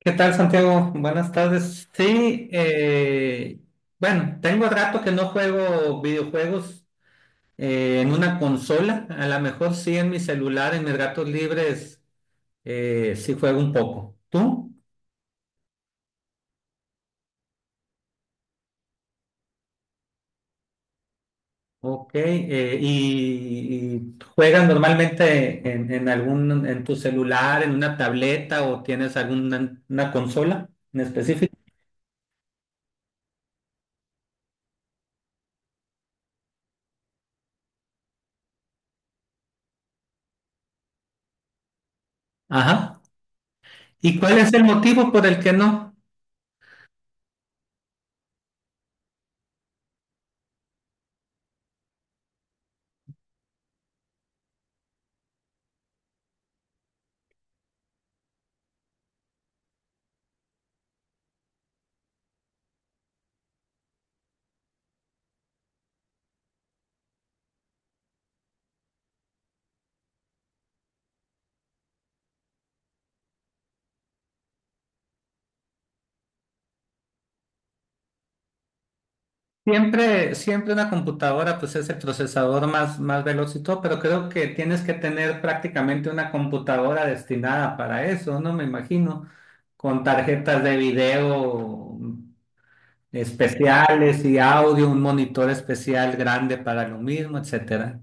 ¿Qué tal, Santiago? Buenas tardes. Sí, bueno, tengo rato que no juego videojuegos en una consola. A lo mejor sí en mi celular, en mis ratos libres, sí juego un poco. ¿Tú? Ok. Y juegas normalmente en tu celular, en una tableta o tienes alguna una consola en específico? Ajá. ¿Y cuál es el motivo por el que no? Siempre, siempre una computadora pues es el procesador más, más veloz y todo, pero creo que tienes que tener prácticamente una computadora destinada para eso, ¿no? Me imagino, con tarjetas de video especiales y audio, un monitor especial grande para lo mismo, etcétera.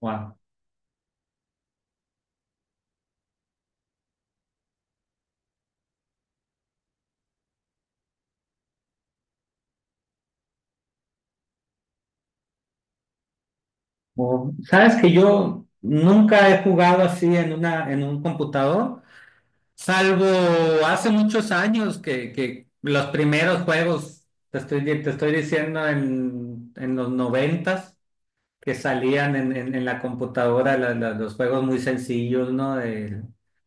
Wow. Sabes que yo nunca he jugado así en una, en un computador. Salvo hace muchos años que los primeros juegos, te estoy diciendo en los noventas, que salían en la computadora los juegos muy sencillos, ¿no? El,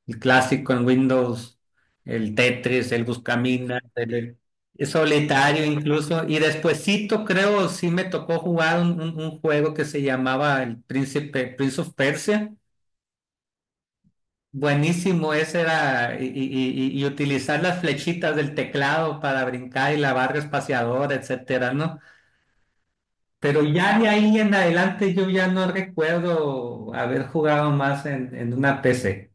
el clásico en Windows, el Tetris, el Buscaminas, el solitario incluso. Y despuesito creo sí me tocó jugar un juego que se llamaba el Príncipe, Prince of Persia. Buenísimo, ese era, y, y utilizar las flechitas del teclado para brincar y la barra espaciadora, etcétera, ¿no? Pero ya de ahí en adelante yo ya no recuerdo haber jugado más en una PC.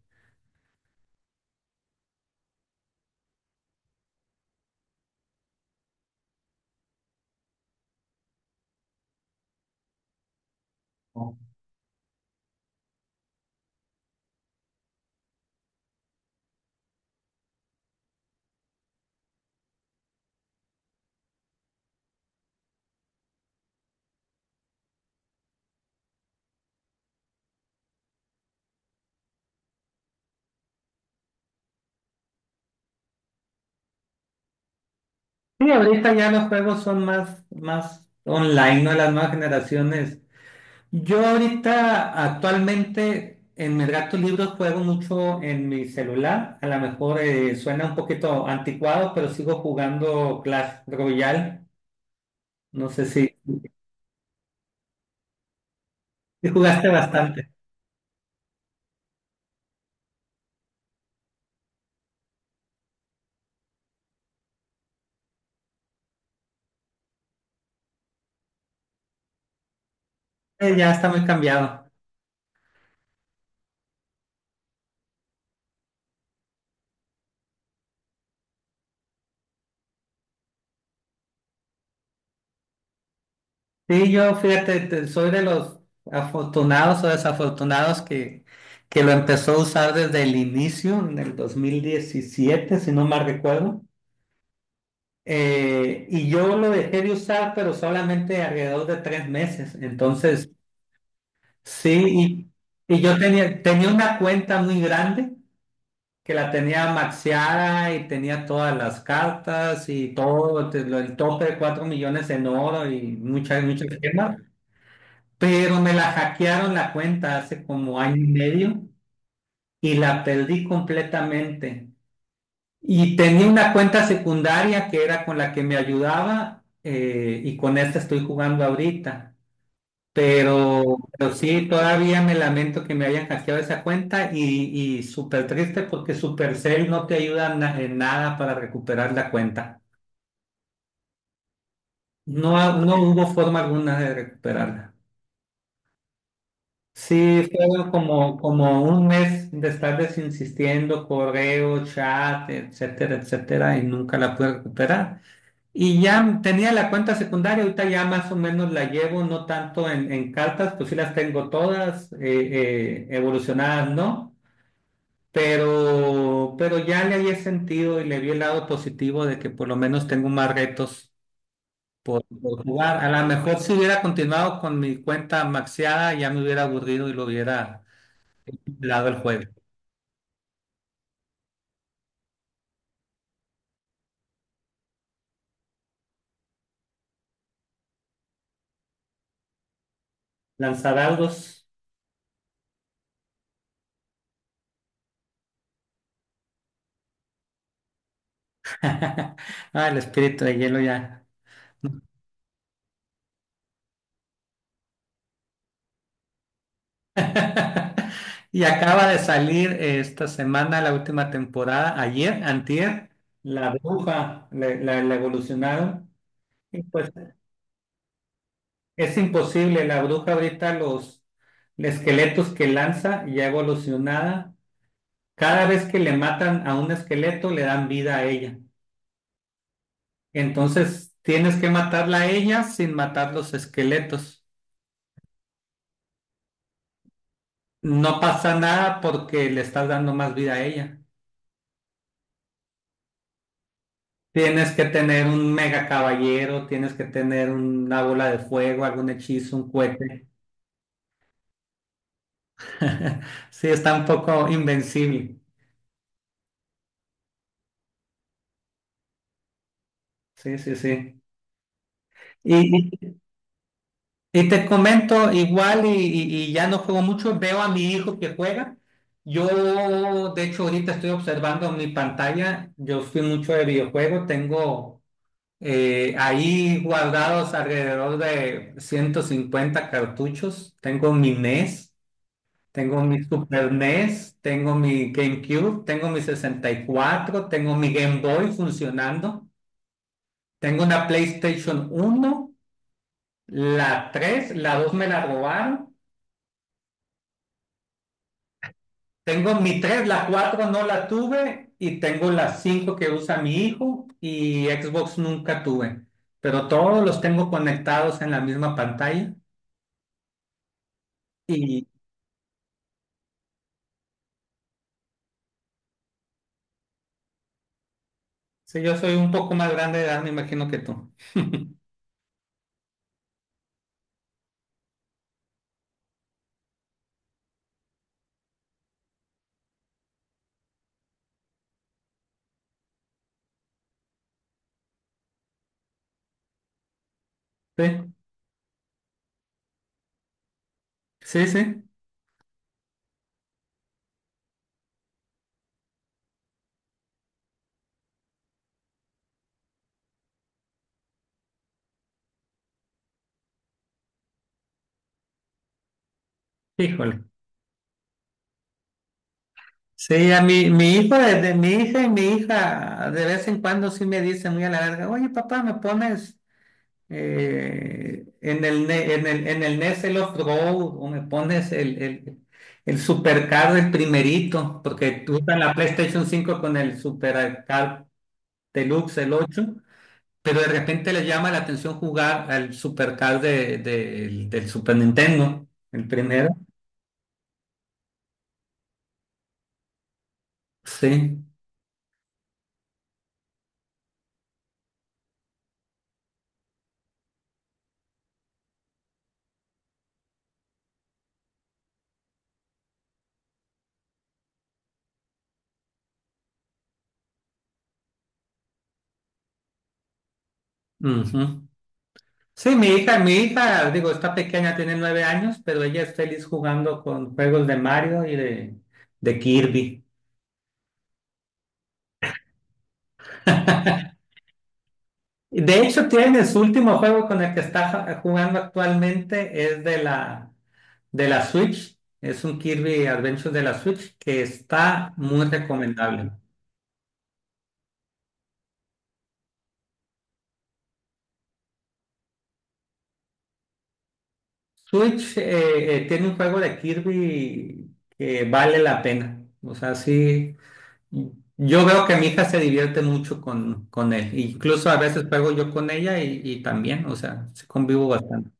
Sí, ahorita ya los juegos son más, más online, ¿no? Las nuevas generaciones. Yo ahorita actualmente en mis gatos libros juego mucho en mi celular. A lo mejor suena un poquito anticuado, pero sigo jugando Clash Royale. No sé si jugaste bastante. Ya está muy cambiado. Sí, yo fíjate, soy de los afortunados o desafortunados que lo empezó a usar desde el inicio, en el 2017 si no mal recuerdo. Y yo lo dejé de usar, pero solamente alrededor de 3 meses. Entonces, sí, y yo tenía una cuenta muy grande que la tenía maxiada y tenía todas las cartas y todo, el tope de 4 millones en oro y muchas, muchas gemas. Pero me la hackearon la cuenta hace como año y medio y la perdí completamente. Y tenía una cuenta secundaria que era con la que me ayudaba y con esta estoy jugando ahorita. Pero sí, todavía me lamento que me hayan hackeado esa cuenta y súper triste porque Supercell no te ayuda en nada para recuperar la cuenta. No, no hubo forma alguna de recuperarla. Sí, fueron como un mes de estarles insistiendo, correo, chat, etcétera, etcétera, y nunca la pude recuperar. Y ya tenía la cuenta secundaria, ahorita ya más o menos la llevo, no tanto en cartas, pues sí las tengo todas, evolucionadas, ¿no? Pero ya le había sentido y le vi el lado positivo de que por lo menos tengo más retos por jugar. A lo mejor si hubiera continuado con mi cuenta maxiada, ya me hubiera aburrido y lo hubiera dado el juego. Lanzadaudos. Ah, el espíritu de hielo ya. Y acaba de salir esta semana la última temporada, ayer, antier, La Bruja, la evolucionaron. Y pues es imposible, la bruja ahorita los esqueletos que lanza ya evolucionada, cada vez que le matan a un esqueleto le dan vida a ella. Entonces tienes que matarla a ella sin matar los esqueletos. No pasa nada porque le estás dando más vida a ella. Tienes que tener un mega caballero, tienes que tener una bola de fuego, algún hechizo, un cohete. Sí, está un poco invencible. Sí, sí, sí. Y, y- y te comento, igual, y ya no juego mucho, veo a mi hijo que juega. Yo, de hecho, ahorita estoy observando mi pantalla. Yo fui mucho de videojuego, tengo ahí guardados alrededor de 150 cartuchos. Tengo mi NES. Tengo mi Super NES, tengo mi GameCube, tengo mi 64, tengo mi Game Boy funcionando, tengo una PlayStation 1, la 3, la 2 me la robaron, tengo mi 3, la 4 no la tuve y tengo la 5 que usa mi hijo y Xbox nunca tuve, pero todos los tengo conectados en la misma pantalla. Y si yo soy un poco más grande de edad, me imagino que tú. Sí, sí, sí, híjole. Sí, a mi hijo, desde mi hija y mi hija, de vez en cuando sí me dicen muy a la larga, oye papá, ¿me pones en el NES el Off-Road o me pones el Supercar el primerito? Porque usan la PlayStation 5 con el Supercar Deluxe, el ocho, pero de repente le llama la atención jugar al Supercar del Super Nintendo, el primero. Sí. Ujú. Sí, mi hija, digo, está pequeña, tiene 9 años, pero ella es feliz jugando con juegos de Mario y de Kirby. Y de hecho, tiene su último juego con el que está jugando actualmente, es de la Switch. Es un Kirby Adventure de la Switch que está muy recomendable. Switch tiene un juego de Kirby que vale la pena. O sea, sí. Yo veo que mi hija se divierte mucho con él. Incluso a veces juego yo con ella y también, o sea, sí convivo bastante.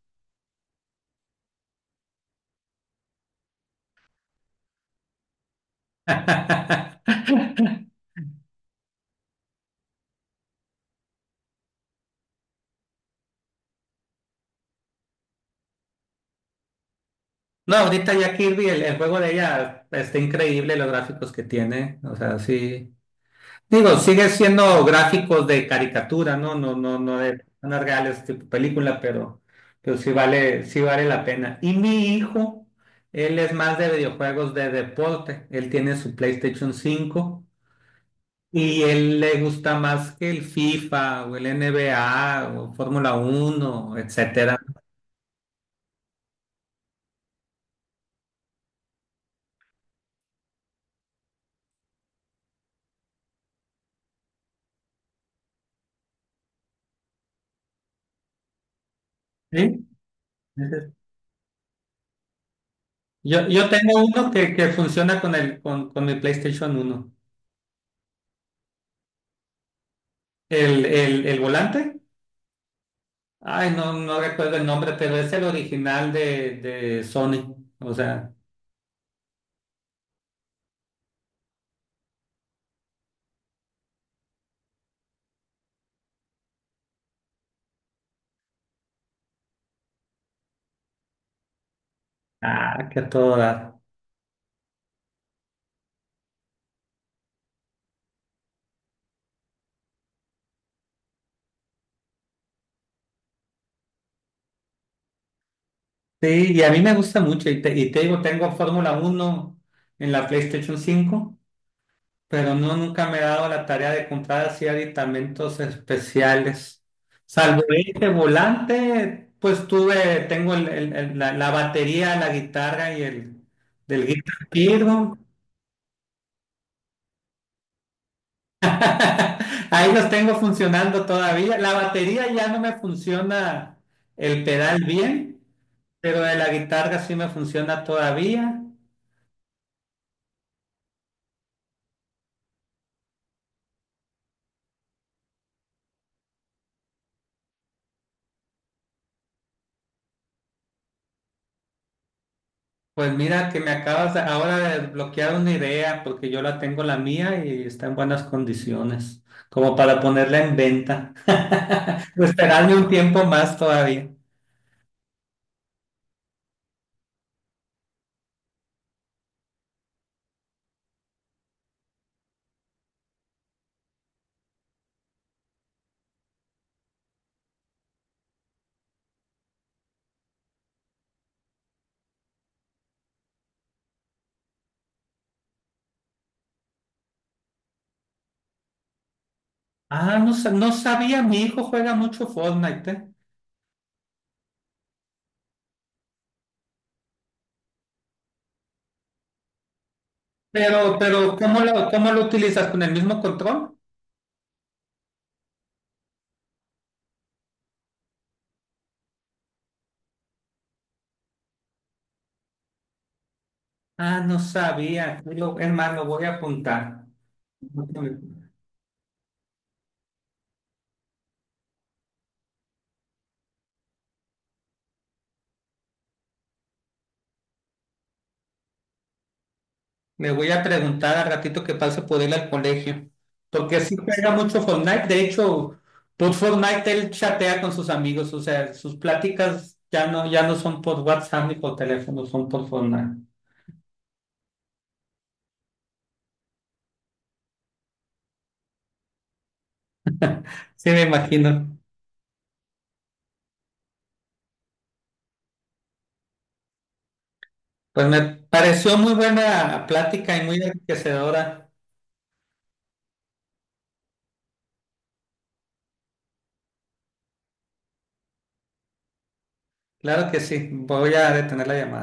No, ahorita ya Kirby, el juego de ella está increíble, los gráficos que tiene. O sea, sí. Digo, sigue siendo gráficos de caricatura, ¿no? No, no, no de unas reales tipo película, pero sí vale, sí vale la pena. Y mi hijo, él es más de videojuegos de deporte. Él tiene su PlayStation 5. Y él le gusta más que el FIFA o el NBA o Fórmula 1, etcétera. ¿Sí? Yo tengo uno que funciona con mi PlayStation 1. El volante. Ay, no, no recuerdo el nombre, pero es el original de Sony. O sea, que a todo dar. Sí, y a mí me gusta mucho. Y te digo, tengo Fórmula 1 en la PlayStation 5. Pero no nunca me he dado la tarea de comprar así aditamentos especiales. Salvo este volante, pues tuve, tengo la batería, la guitarra y el del Guitar Hero. Ahí los tengo funcionando todavía. La batería ya no me funciona el pedal bien, pero de la guitarra sí me funciona todavía. Pues mira que me acabas ahora de bloquear una idea porque yo la tengo la mía y está en buenas condiciones, como para ponerla en venta. O esperarme un tiempo más todavía. Ah, no, no sabía, mi hijo juega mucho Fortnite, ¿eh? ¿Cómo lo utilizas? ¿Con el mismo control? Ah, no sabía. Es más, lo voy a apuntar. Le voy a preguntar al ratito que pase por él al colegio. Porque sí juega mucho Fortnite. De hecho, por Fortnite él chatea con sus amigos. O sea, sus pláticas ya no son por WhatsApp ni por teléfono, son por Fortnite. Sí, me imagino. Pues me pareció muy buena plática y muy enriquecedora. Claro que sí. Voy a detener la llamada.